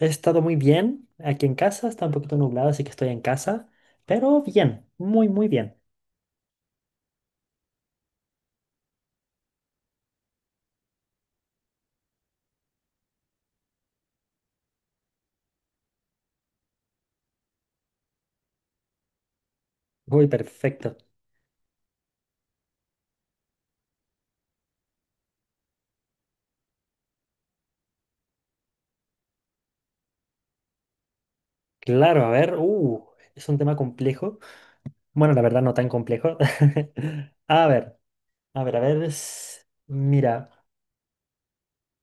He estado muy bien aquí en casa, está un poquito nublado, así que estoy en casa, pero bien, muy, muy bien. Uy, perfecto. Claro, a ver, es un tema complejo. Bueno, la verdad no tan complejo. A ver, a ver, a ver. Mira,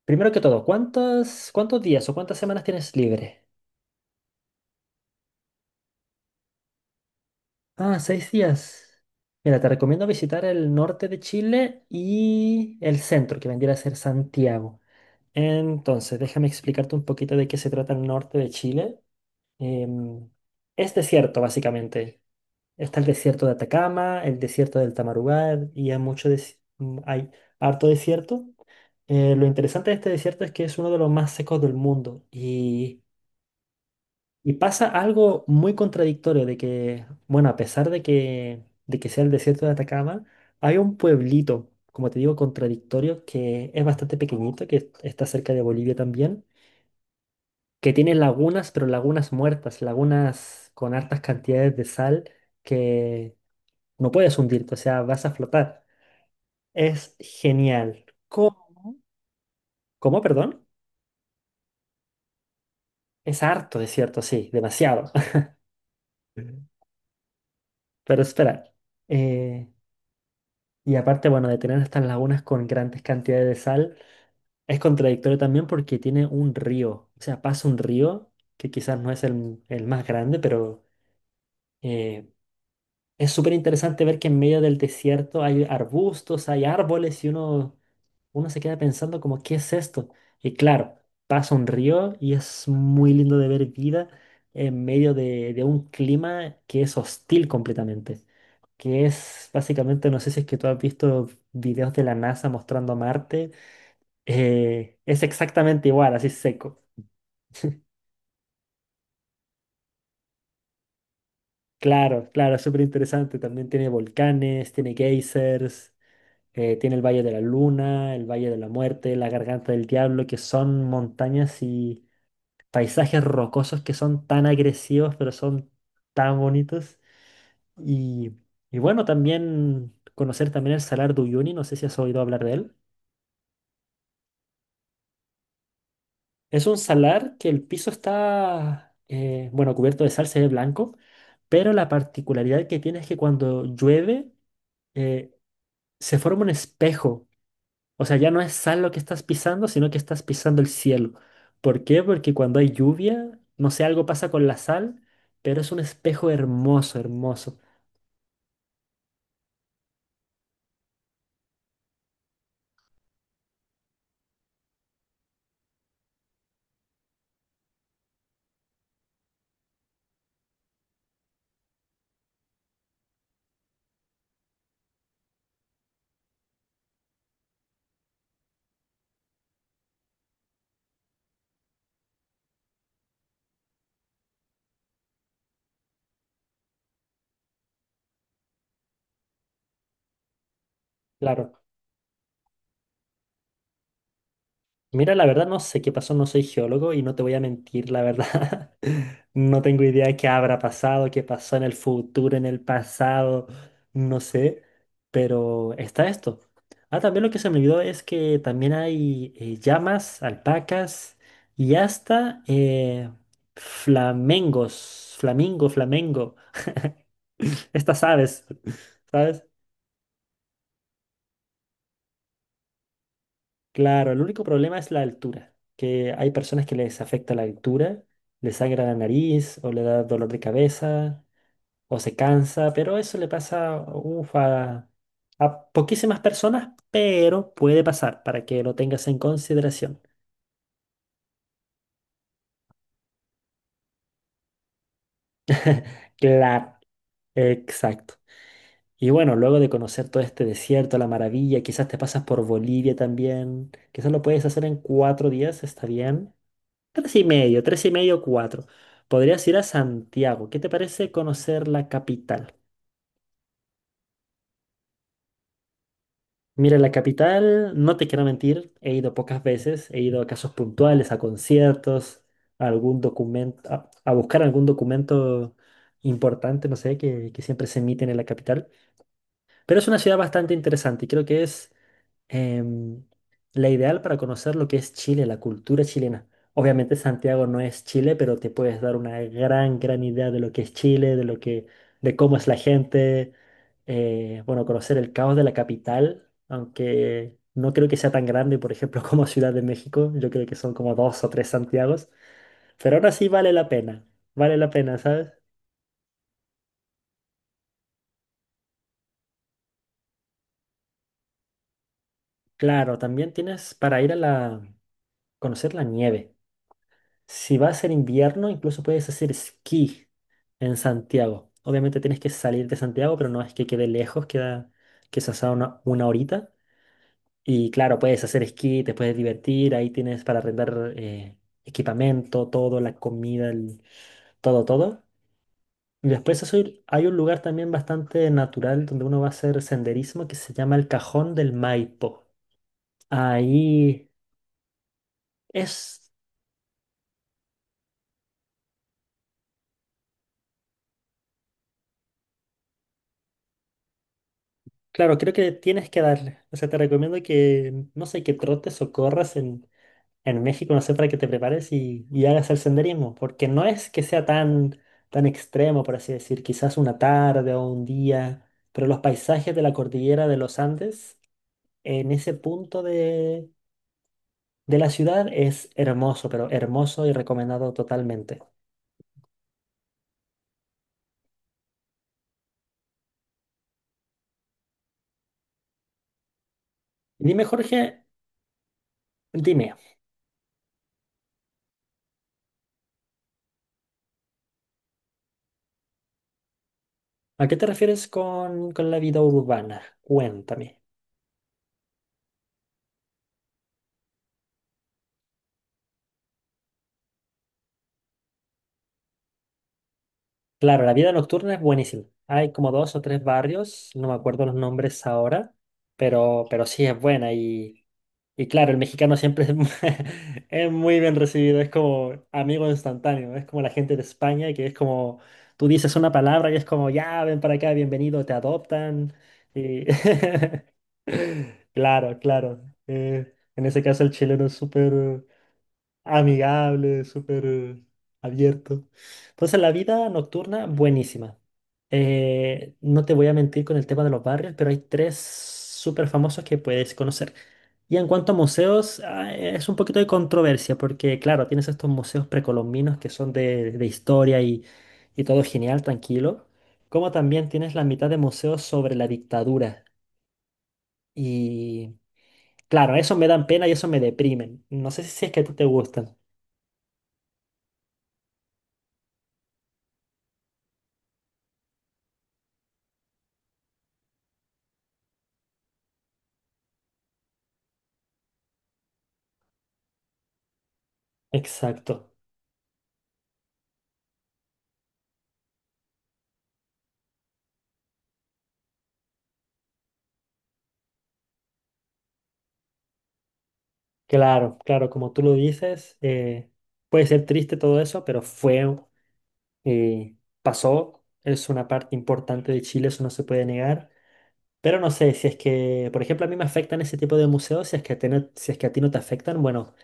primero que todo, ¿cuántos días o cuántas semanas tienes libre? Ah, 6 días. Mira, te recomiendo visitar el norte de Chile y el centro, que vendría a ser Santiago. Entonces, déjame explicarte un poquito de qué se trata el norte de Chile. Em, es desierto, básicamente. Está el desierto de Atacama, el desierto del Tamarugal, y hay harto desierto. Lo interesante de este desierto es que es uno de los más secos del mundo y pasa algo muy contradictorio de que, bueno, a pesar de que sea el desierto de Atacama, hay un pueblito, como te digo, contradictorio que es bastante pequeñito, que está cerca de Bolivia también, que tiene lagunas, pero lagunas muertas, lagunas con hartas cantidades de sal que no puedes hundirte, o sea, vas a flotar. Es genial. ¿Cómo? ¿Cómo, perdón? Es harto desierto, sí, demasiado. Pero espera. eh, y aparte, bueno, de tener estas lagunas con grandes cantidades de sal, es contradictorio también porque tiene un río. O sea, pasa un río que quizás no es el más grande, pero, eh, es súper interesante ver que en medio del desierto hay arbustos, hay árboles y uno se queda pensando como, ¿qué es esto? Y claro, pasa un río y es muy lindo de ver vida en medio de un clima que es hostil completamente, que es básicamente, no sé si es que tú has visto videos de la NASA mostrando Marte, es exactamente igual, así seco. Claro, claro, es súper interesante. También tiene volcanes, tiene geysers. Tiene el Valle de la Luna, el Valle de la Muerte, la Garganta del Diablo, que son montañas y paisajes rocosos que son tan agresivos, pero son tan bonitos. Y, y bueno, también conocer también el Salar de Uyuni, no sé si has oído hablar de él. Es un salar que el piso está, bueno, cubierto de sal, se ve blanco, pero la particularidad que tiene es que cuando llueve, eh, se forma un espejo. O sea, ya no es sal lo que estás pisando, sino que estás pisando el cielo. ¿Por qué? Porque cuando hay lluvia, no sé, algo pasa con la sal, pero es un espejo hermoso, hermoso. Claro. Mira, la verdad no sé qué pasó, no soy geólogo y no te voy a mentir, la verdad. No tengo idea de qué habrá pasado, qué pasó en el futuro, en el pasado, no sé, pero está esto. Ah, también lo que se me olvidó es que también hay llamas, alpacas y hasta flamengos, flamingo, flamengo, estas aves, ¿sabes? Claro, el único problema es la altura, que hay personas que les afecta la altura, les sangra la nariz o le da dolor de cabeza o se cansa, pero eso le pasa uf, a poquísimas personas, pero puede pasar para que lo tengas en consideración. Claro, exacto. Y bueno, luego de conocer todo este desierto, la maravilla, quizás te pasas por Bolivia también, quizás lo puedes hacer en 4 días, está bien. Tres y medio, cuatro. Podrías ir a Santiago. ¿Qué te parece conocer la capital? Mira, la capital, no te quiero mentir, he ido pocas veces, he ido a casos puntuales, a conciertos, a algún documento, a buscar algún documento importante, no sé, que siempre se emiten en la capital. Pero es una ciudad bastante interesante y creo que es em, la ideal para conocer lo que es Chile, la cultura chilena. Obviamente Santiago no es Chile, pero te puedes dar una gran, gran idea de lo que es Chile, de lo que, de cómo es la gente. Bueno, conocer el caos de la capital, aunque no creo que sea tan grande, por ejemplo, como Ciudad de México. Yo creo que son como dos o tres Santiagos. Pero ahora sí vale la pena. Vale la pena, ¿sabes? Claro, también tienes para ir conocer la nieve. Si va a ser invierno, incluso puedes hacer esquí en Santiago. Obviamente tienes que salir de Santiago, pero no es que quede lejos, queda quizás a una horita. Y claro, puedes hacer esquí, te puedes divertir, ahí tienes para arrendar equipamiento, todo, la comida, todo, todo. Y hay un lugar también bastante natural donde uno va a hacer senderismo que se llama el Cajón del Maipo. Ahí es. Claro, creo que tienes que darle. O sea, te recomiendo que, no sé, que trotes o corras en México, no sé, para que te prepares y hagas el senderismo, porque no es que sea tan, tan extremo, por así decir, quizás una tarde o un día, pero los paisajes de la cordillera de los Andes, en ese punto de la ciudad, es hermoso, pero hermoso y recomendado totalmente. Dime, Jorge, dime, ¿a qué te refieres con la vida urbana? Cuéntame. Claro, la vida nocturna es buenísima. Hay como dos o tres barrios, no me acuerdo los nombres ahora, pero sí es buena. Y claro, el mexicano siempre es, es muy bien recibido, es como amigo instantáneo, es como la gente de España, que es como tú dices una palabra y es como, ya, ven para acá, bienvenido, te adoptan. Y claro, claro. En ese caso el chileno es súper amigable, súper abierto. Entonces, la vida nocturna, buenísima. No te voy a mentir con el tema de los barrios, pero hay tres súper famosos que puedes conocer. Y en cuanto a museos, ah, es un poquito de controversia, porque claro, tienes estos museos precolombinos que son de historia y todo genial, tranquilo. Como también tienes la mitad de museos sobre la dictadura. Y claro, eso me dan pena y eso me deprimen. No sé si es que a ti te gustan. Exacto. Claro, claro, como tú lo dices, puede ser triste todo eso, pero fue, eh, pasó, es una parte importante de Chile, eso no se puede negar. Pero no sé, si es que, por ejemplo, a mí me afectan ese tipo de museos, si es que a ti no, si es que a ti no te afectan, bueno,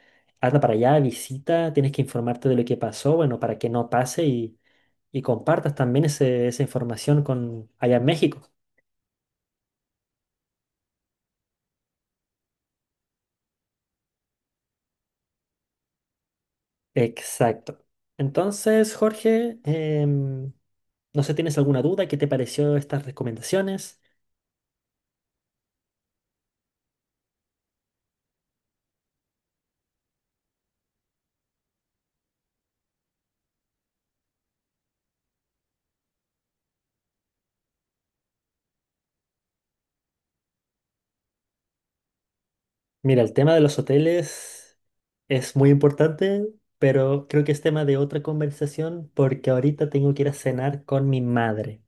anda para allá, visita, tienes que informarte de lo que pasó, bueno, para que no pase y compartas también esa información con allá en México. Exacto. Entonces, Jorge, no sé, ¿tienes alguna duda? ¿Qué te pareció estas recomendaciones? Mira, el tema de los hoteles es muy importante, pero creo que es tema de otra conversación porque ahorita tengo que ir a cenar con mi madre.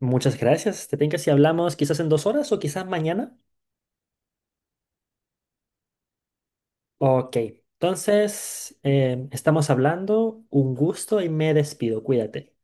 Muchas gracias. ¿Te tengo si hablamos quizás en 2 horas o quizás mañana? Ok, entonces estamos hablando. Un gusto y me despido. Cuídate.